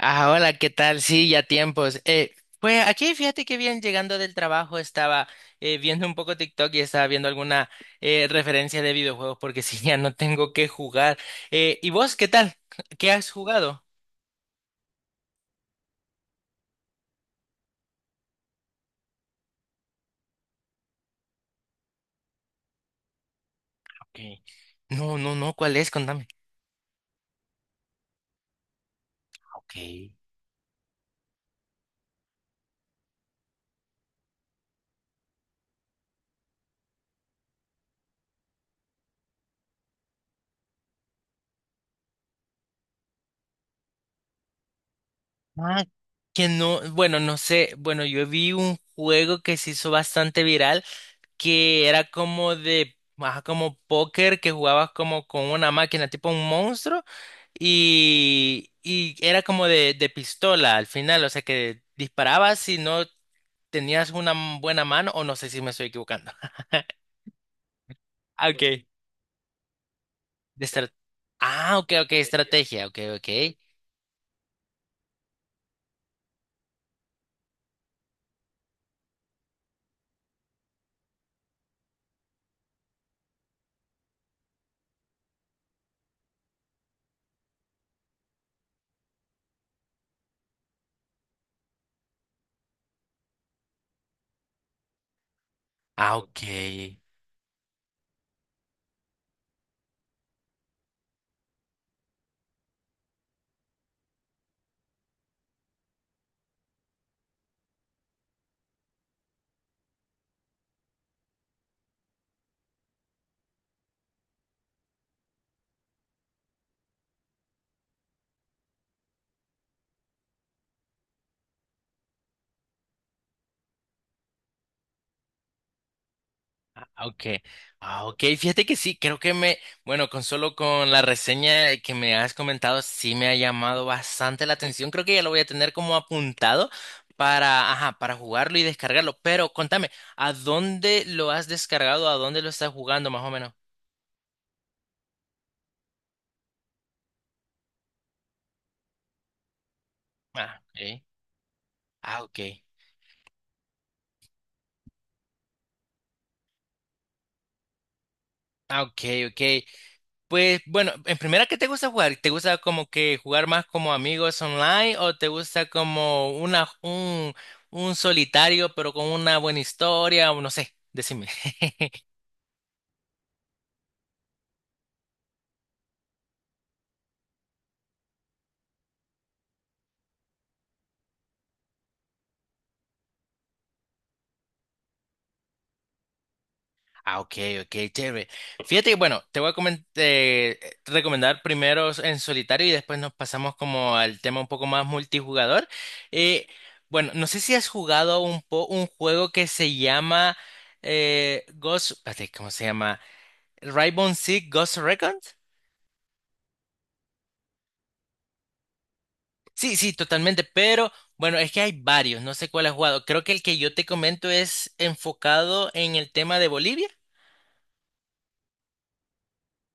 Hola, ¿qué tal? Sí, ya tiempos. Pues aquí fíjate que bien, llegando del trabajo estaba viendo un poco TikTok y estaba viendo alguna referencia de videojuegos porque si ya no tengo que jugar. ¿Y vos qué tal? ¿Qué has jugado? Okay. No, no, no, ¿cuál es? Contame. Okay. Ah, que no, bueno, no sé, bueno, yo vi un juego que se hizo bastante viral que era como de, ajá, como póker, que jugabas como con una máquina, tipo un monstruo, y era como de, pistola al final, o sea que disparabas si no tenías una buena mano, o no sé si me estoy equivocando. Ah, ok. Estra- Ah, ok, ok, estrategia, ok, ok. Ah, ok. Ah, okay. Ah, okay, fíjate que sí, bueno, con solo con la reseña que me has comentado, sí me ha llamado bastante la atención. Creo que ya lo voy a tener como apuntado para, ajá, para jugarlo y descargarlo. Pero contame, ¿a dónde lo has descargado? ¿A dónde lo estás jugando más o menos? Ah, okay. Ah, okay. Ah, ok, ok. Pues bueno, en primera, ¿qué te gusta jugar? ¿Te gusta como que jugar más como amigos online o te gusta como un solitario pero con una buena historia o no sé? Decime. Ah, ok, ok, chévere. Fíjate, que, bueno, te voy a comen- recomendar primero en solitario y después nos pasamos como al tema un poco más multijugador. Eh, bueno, no sé si has jugado un juego que se llama Ghost, espérate, ¿cómo se llama? Rainbow Six Ghost Recon. Sí, sí, totalmente, pero bueno, es que hay varios, no sé cuál has jugado. Creo que el que yo te comento es enfocado en el tema de Bolivia.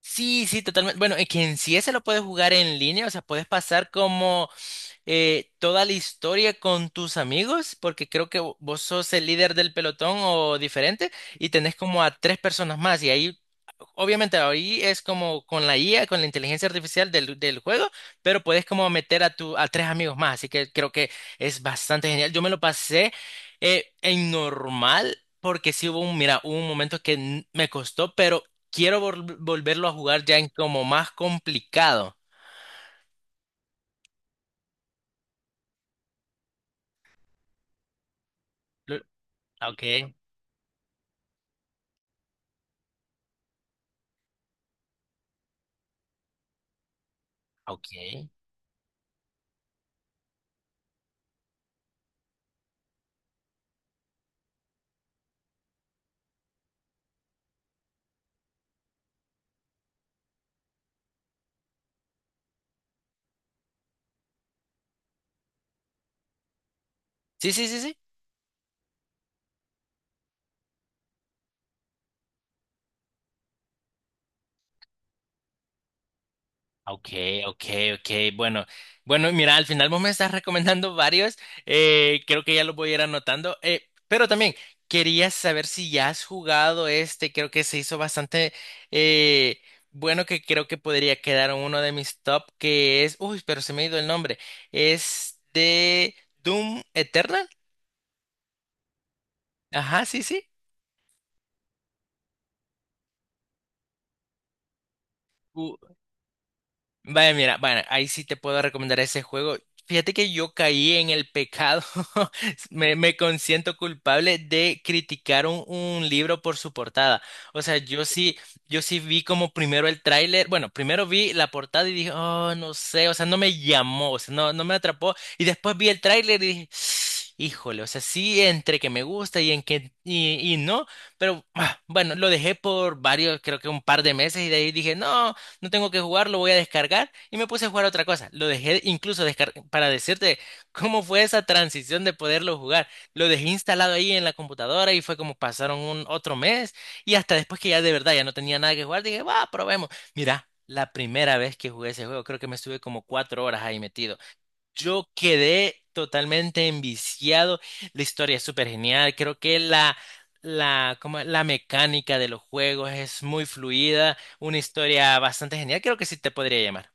Sí, sí, totalmente. Bueno, es que en sí ese lo puedes jugar en línea, o sea, puedes pasar como toda la historia con tus amigos, porque creo que vos sos el líder del pelotón o diferente, y tenés como a tres personas más, y ahí obviamente ahí es como con la IA, con la inteligencia artificial del juego, pero puedes como meter a tu, a tres amigos más, así que creo que es bastante genial. Yo me lo pasé en normal porque sí hubo un, mira, hubo un momento que me costó, pero quiero volverlo a jugar ya en como más complicado. Lo- Ok, ok. Sí, sí, sí, sí. Ok, ok, ok. Bueno, bueno, mira, al final vos me estás recomendando varios. Creo que ya los voy a ir anotando. Pero también quería saber si ya has jugado este. Creo que se hizo bastante eh, bueno, que creo que podría quedar en uno de mis top, que es. Uy, pero se me ha ido el nombre. Es de Doom Eternal. Ajá, sí, sí. Vaya, mira, bueno, ahí sí te puedo recomendar ese juego. Fíjate que yo caí en el pecado, me consiento culpable de criticar un libro por su portada. O sea, yo sí, yo sí vi como primero el tráiler, bueno, primero vi la portada y dije, oh, no sé, o sea, no me llamó, o sea, no, no me atrapó. Y después vi el tráiler y dije, híjole, o sea, sí, entre que me gusta y y no, pero ah, bueno, lo dejé por varios, creo que un par de meses y de ahí dije, no no tengo que jugar, lo voy a descargar y me puse a jugar otra cosa. Lo dejé incluso para decirte cómo fue esa transición de poderlo jugar. Lo dejé instalado ahí en la computadora y fue como pasaron un otro mes y hasta después que ya de verdad ya no tenía nada que jugar, dije, va, probemos. Mira. La primera vez que jugué ese juego, creo que me estuve como cuatro horas ahí metido. Yo quedé totalmente enviciado. La historia es súper genial. Creo que como la mecánica de los juegos es muy fluida. Una historia bastante genial. Creo que sí te podría llamar.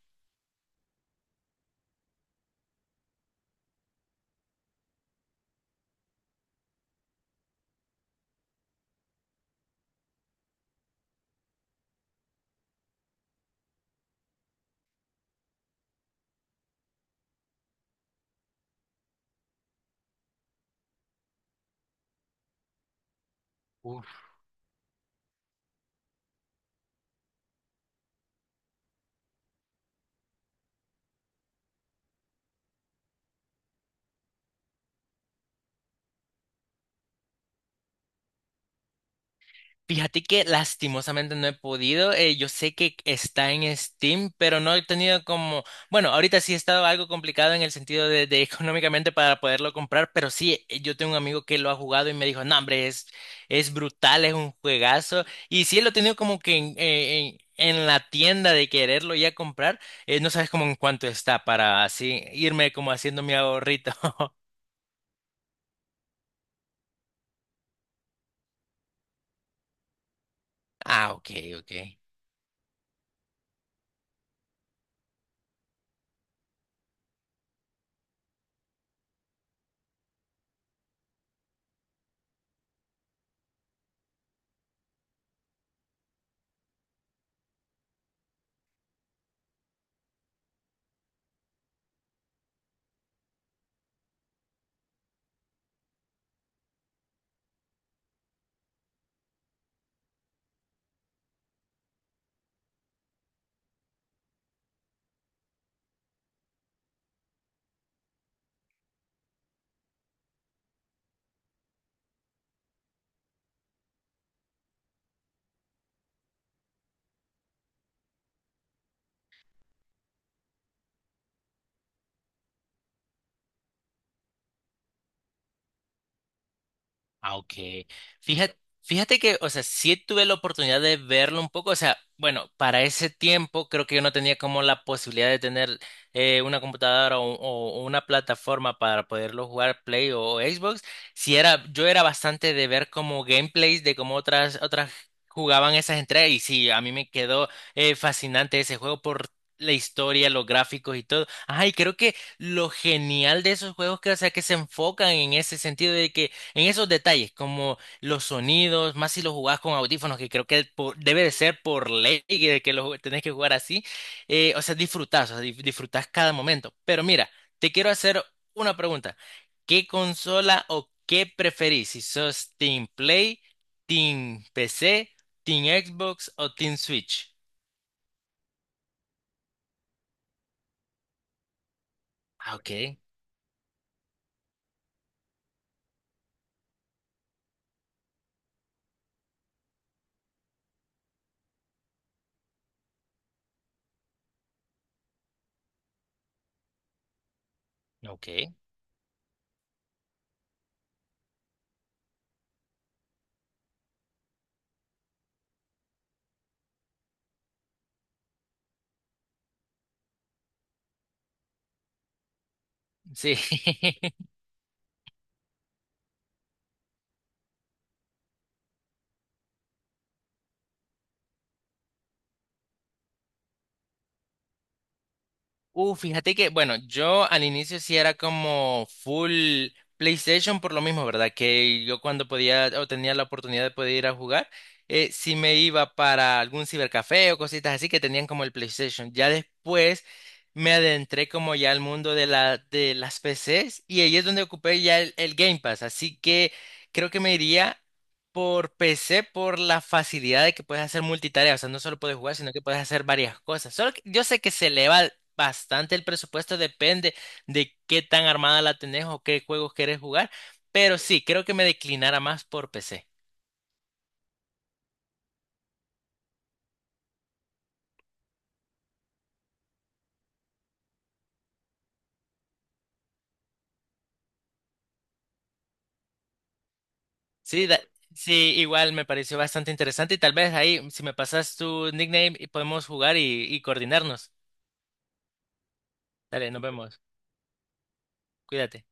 Fíjate que lastimosamente no he podido. Yo sé que está en Steam, pero no he tenido como, bueno, ahorita sí he estado algo complicado en el sentido de económicamente para poderlo comprar, pero sí, yo tengo un amigo que lo ha jugado y me dijo, no, hombre, es brutal, es un juegazo. Y sí lo he tenido como que en la tienda de quererlo ya comprar, no sabes como en cuánto está para así irme como haciendo mi ahorrito. Ah, ok, ok. Aunque, fíjate, fíjate que, o sea, sí tuve la oportunidad de verlo un poco, o sea, bueno, para ese tiempo creo que yo no tenía como la posibilidad de tener una computadora una plataforma para poderlo jugar Play o Xbox. Si era, yo era bastante de ver como gameplays de cómo otras, otras jugaban esas entregas y sí, a mí me quedó fascinante ese juego por la historia, los gráficos y todo. Ay, creo que lo genial de esos juegos que, o sea, que se enfocan en ese sentido de que en esos detalles, como los sonidos, más si lo jugás con audífonos, que creo que debe de ser por ley que lo tenés que jugar así, o sea, disfrutás, o sea, disfrutás cada momento. Pero mira, te quiero hacer una pregunta. ¿Qué consola o qué preferís? Si sos Team Play, Team PC, Team Xbox o Team Switch. Ah, ok, ok, sí. Fíjate que, bueno, yo al inicio sí era como full PlayStation por lo mismo, ¿verdad? Que yo cuando podía o tenía la oportunidad de poder ir a jugar, sí me iba para algún cibercafé o cositas así que tenían como el PlayStation. Ya después me adentré como ya al mundo de de las PCs y ahí es donde ocupé ya el Game Pass. Así que creo que me iría por PC por la facilidad de que puedes hacer multitarea, o sea, no solo puedes jugar, sino que puedes hacer varias cosas. Solo que yo sé que se le va bastante el presupuesto, depende de qué tan armada la tenés o qué juegos querés jugar, pero sí, creo que me declinara más por PC. Sí, sí, igual me pareció bastante interesante y tal vez ahí, si me pasas tu nickname, y podemos jugar y coordinarnos. Dale, nos vemos. Cuídate.